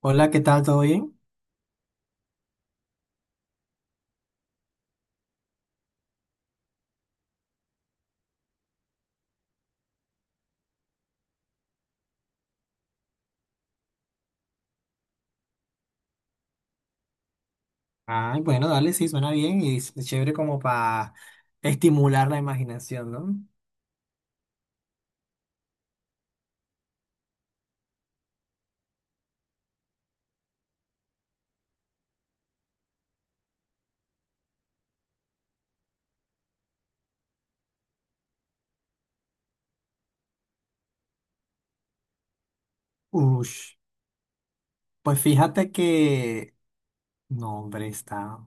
Hola, ¿qué tal? ¿Todo bien? Ay, bueno, dale, sí, suena bien y es chévere como para estimular la imaginación, ¿no? Ush, pues fíjate que... No, hombre, está...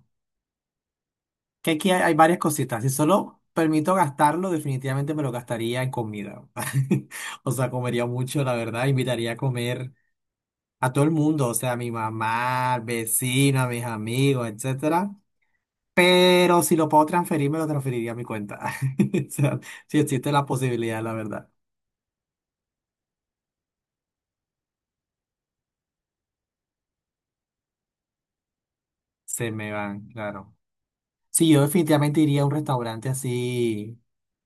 Que aquí hay varias cositas. Si solo permito gastarlo, definitivamente me lo gastaría en comida. O sea, comería mucho, la verdad. Invitaría a comer a todo el mundo, o sea, a mi mamá, al vecino, a mis amigos, etcétera. Pero si lo puedo transferir, me lo transferiría a mi cuenta. O sea, si existe la posibilidad, la verdad. Se me van, claro. Sí, yo definitivamente iría a un restaurante así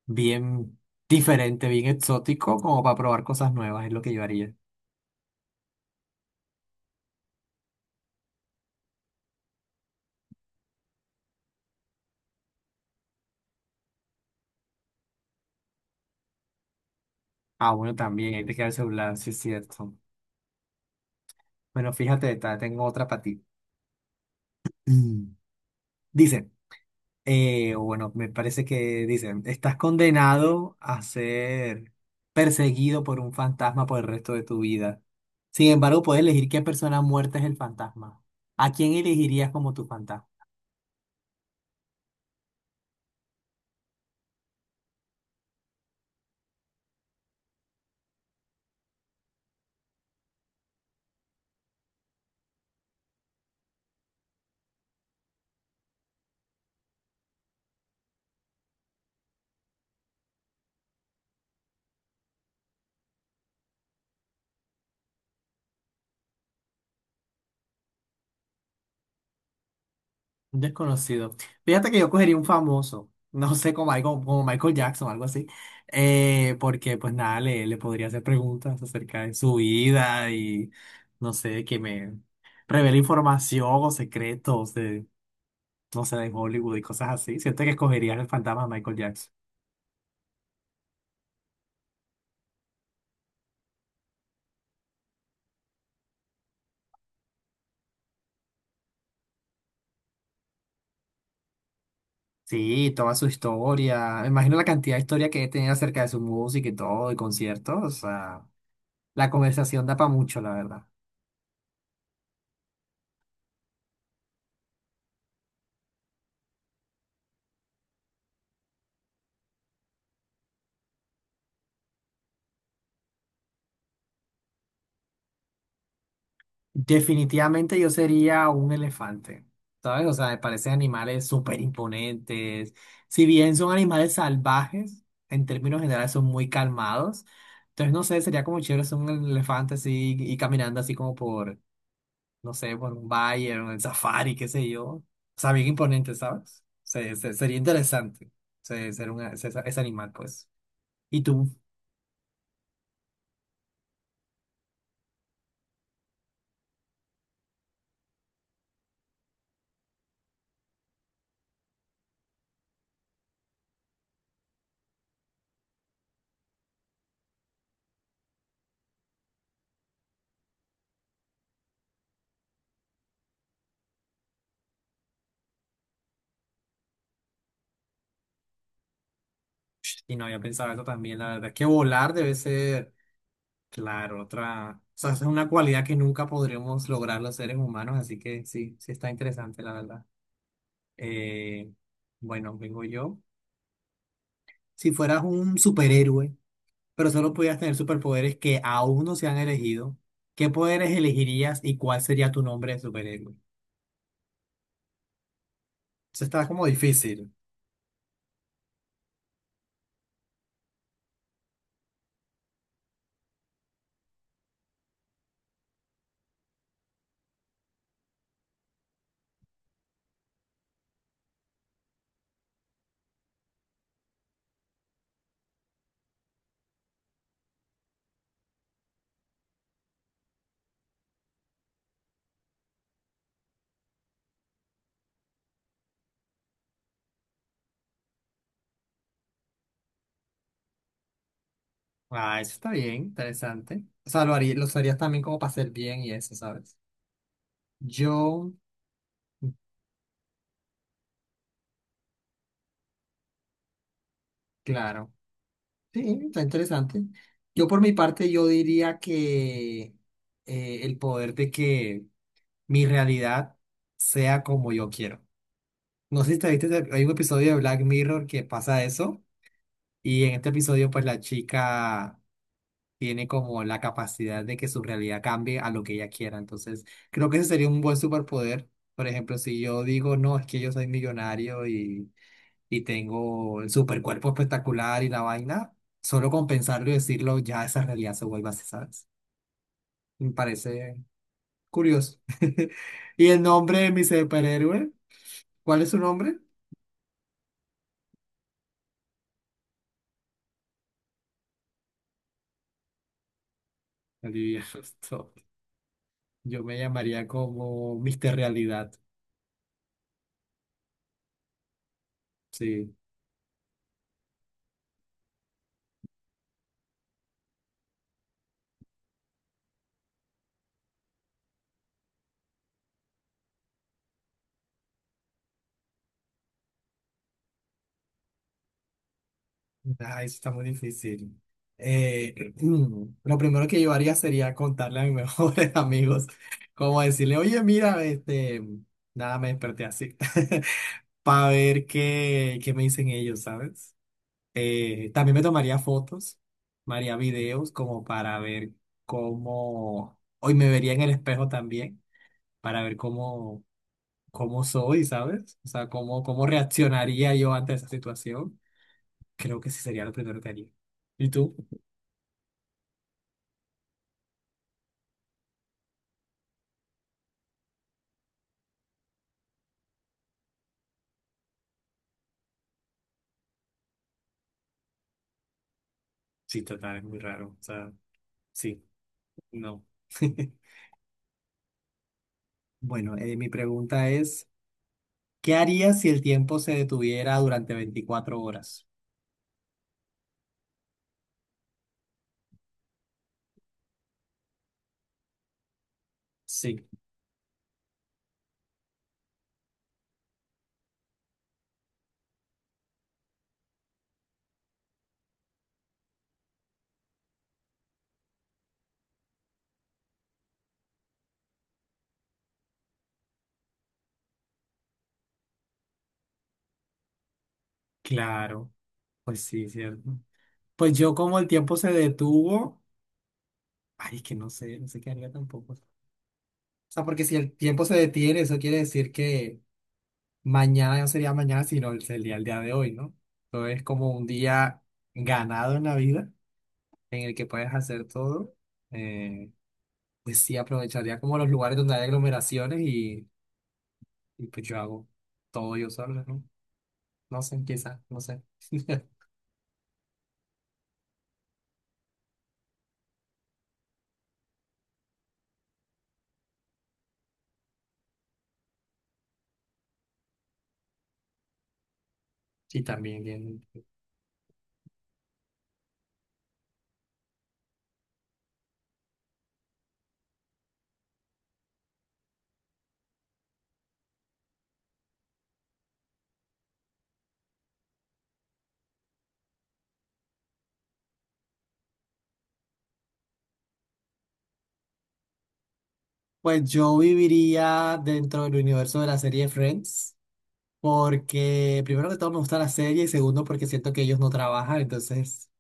bien diferente, bien exótico, como para probar cosas nuevas, es lo que yo haría. Ah, bueno, también, hay que queda el celular, sí es cierto. Bueno, fíjate, tengo otra para ti. Mm. Dice, o bueno, me parece que dicen, estás condenado a ser perseguido por un fantasma por el resto de tu vida. Sin embargo, puedes elegir qué persona muerta es el fantasma. ¿A quién elegirías como tu fantasma? Un desconocido. Fíjate que yo cogería un famoso, no sé, como, algo, como Michael Jackson o algo así, porque pues nada, le podría hacer preguntas acerca de su vida y no sé, que me revele información o secretos de, no sé, de Hollywood y cosas así. Siento que escogería el fantasma de Michael Jackson. Sí, toda su historia. Me imagino la cantidad de historia que he tenido acerca de su música y todo, y conciertos. O sea. La conversación da para mucho, la verdad. Definitivamente yo sería un elefante, ¿sabes? O sea, me parecen animales súper imponentes. Si bien son animales salvajes, en términos generales son muy calmados. Entonces, no sé, sería como chévere ser un elefante así y caminando así como por, no sé, por un Bayern, el Safari, qué sé yo. O sea, bien imponente, ¿sabes? Sería interesante ser un, ese animal, pues. Y tú, y no había pensado eso también, la verdad, que volar debe ser, claro, otra, o sea, es una cualidad que nunca podremos lograr los seres humanos, así que sí, sí está interesante, la verdad. Eh, bueno, vengo yo. Si fueras un superhéroe, pero solo pudieras tener superpoderes que aún no se han elegido, ¿qué poderes elegirías y cuál sería tu nombre de superhéroe? Eso está como difícil. Ah, eso está bien, interesante. O sea, lo haría, los harías también como para hacer bien y eso, ¿sabes? Yo, claro. Sí, está interesante. Yo por mi parte, yo diría que el poder de que mi realidad sea como yo quiero. No sé si te viste, hay un episodio de Black Mirror que pasa eso. Y en este episodio, pues la chica tiene como la capacidad de que su realidad cambie a lo que ella quiera. Entonces, creo que ese sería un buen superpoder. Por ejemplo, si yo digo, no, es que yo soy millonario y tengo el supercuerpo espectacular y la vaina, solo con pensarlo y decirlo, ya esa realidad se vuelve así, ¿sabes? Me parece curioso. ¿Y el nombre de mi superhéroe? ¿Cuál es su nombre? Olivia Stone. Yo me llamaría como Mister Realidad. Sí. Ah, eso está muy difícil. Eh, lo primero que yo haría sería contarle a mis mejores amigos, como decirle, oye, mira, este, nada, me desperté así, para ver qué, qué me dicen ellos, ¿sabes? También me tomaría fotos, me haría videos como para ver cómo, hoy me vería en el espejo también, para ver cómo, cómo soy, ¿sabes? O sea, cómo, cómo reaccionaría yo ante esa situación. Creo que sí sería lo primero que haría. ¿Y tú? Sí, total, es muy raro. O sea, sí, no. Bueno, mi pregunta es, ¿qué harías si el tiempo se detuviera durante 24 horas? Sí. Claro, pues sí, cierto. Pues yo como el tiempo se detuvo, ay, es que no sé, no sé qué haría tampoco. O sea, porque si el tiempo se detiene, eso quiere decir que mañana no sería mañana, sino sería el día de hoy, ¿no? Entonces es como un día ganado en la vida, en el que puedes hacer todo. Eh, Pues sí, aprovecharía como los lugares donde hay aglomeraciones y pues yo hago todo yo solo, ¿no? No sé, quizás, no sé. Y también bien. Pues yo viviría dentro del universo de la serie Friends, porque primero que todo me gusta la serie y segundo porque siento que ellos no trabajan, entonces,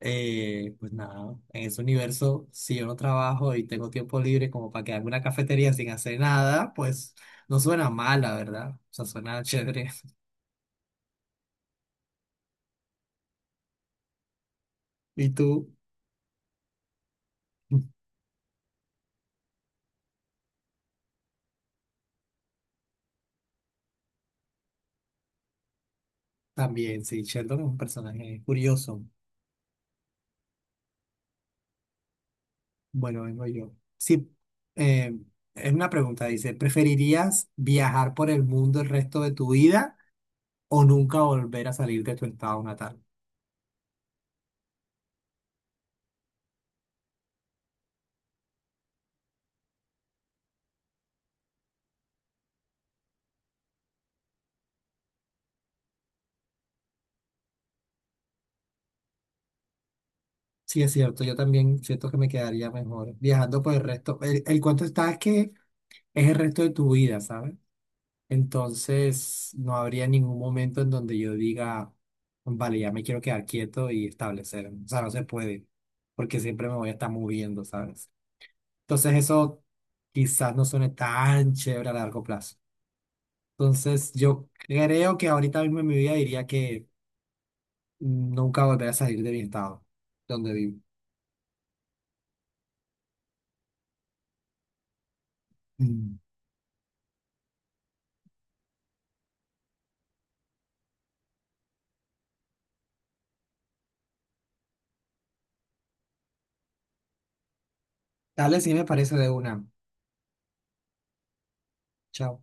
pues nada, en ese universo, si yo no trabajo y tengo tiempo libre como para quedarme en una cafetería sin hacer nada, pues no suena mal, la verdad. O sea, suena chévere. ¿Y tú? También, sí, Sheldon es un personaje curioso. Bueno, vengo yo. Sí, eh, es una pregunta, dice, ¿preferirías viajar por el mundo el resto de tu vida o nunca volver a salir de tu estado natal? Sí, es cierto, yo también siento que me quedaría mejor viajando por el resto. El cuento está es que es el resto de tu vida, ¿sabes? Entonces, no habría ningún momento en donde yo diga, vale, ya me quiero quedar quieto y establecer. O sea, no se puede, porque siempre me voy a estar moviendo, ¿sabes? Entonces eso quizás no suene tan chévere a largo plazo. Entonces yo creo que ahorita mismo en mi vida diría que nunca volveré a salir de mi estado donde vivo. Mm. Dale, sí me parece de una. Chao.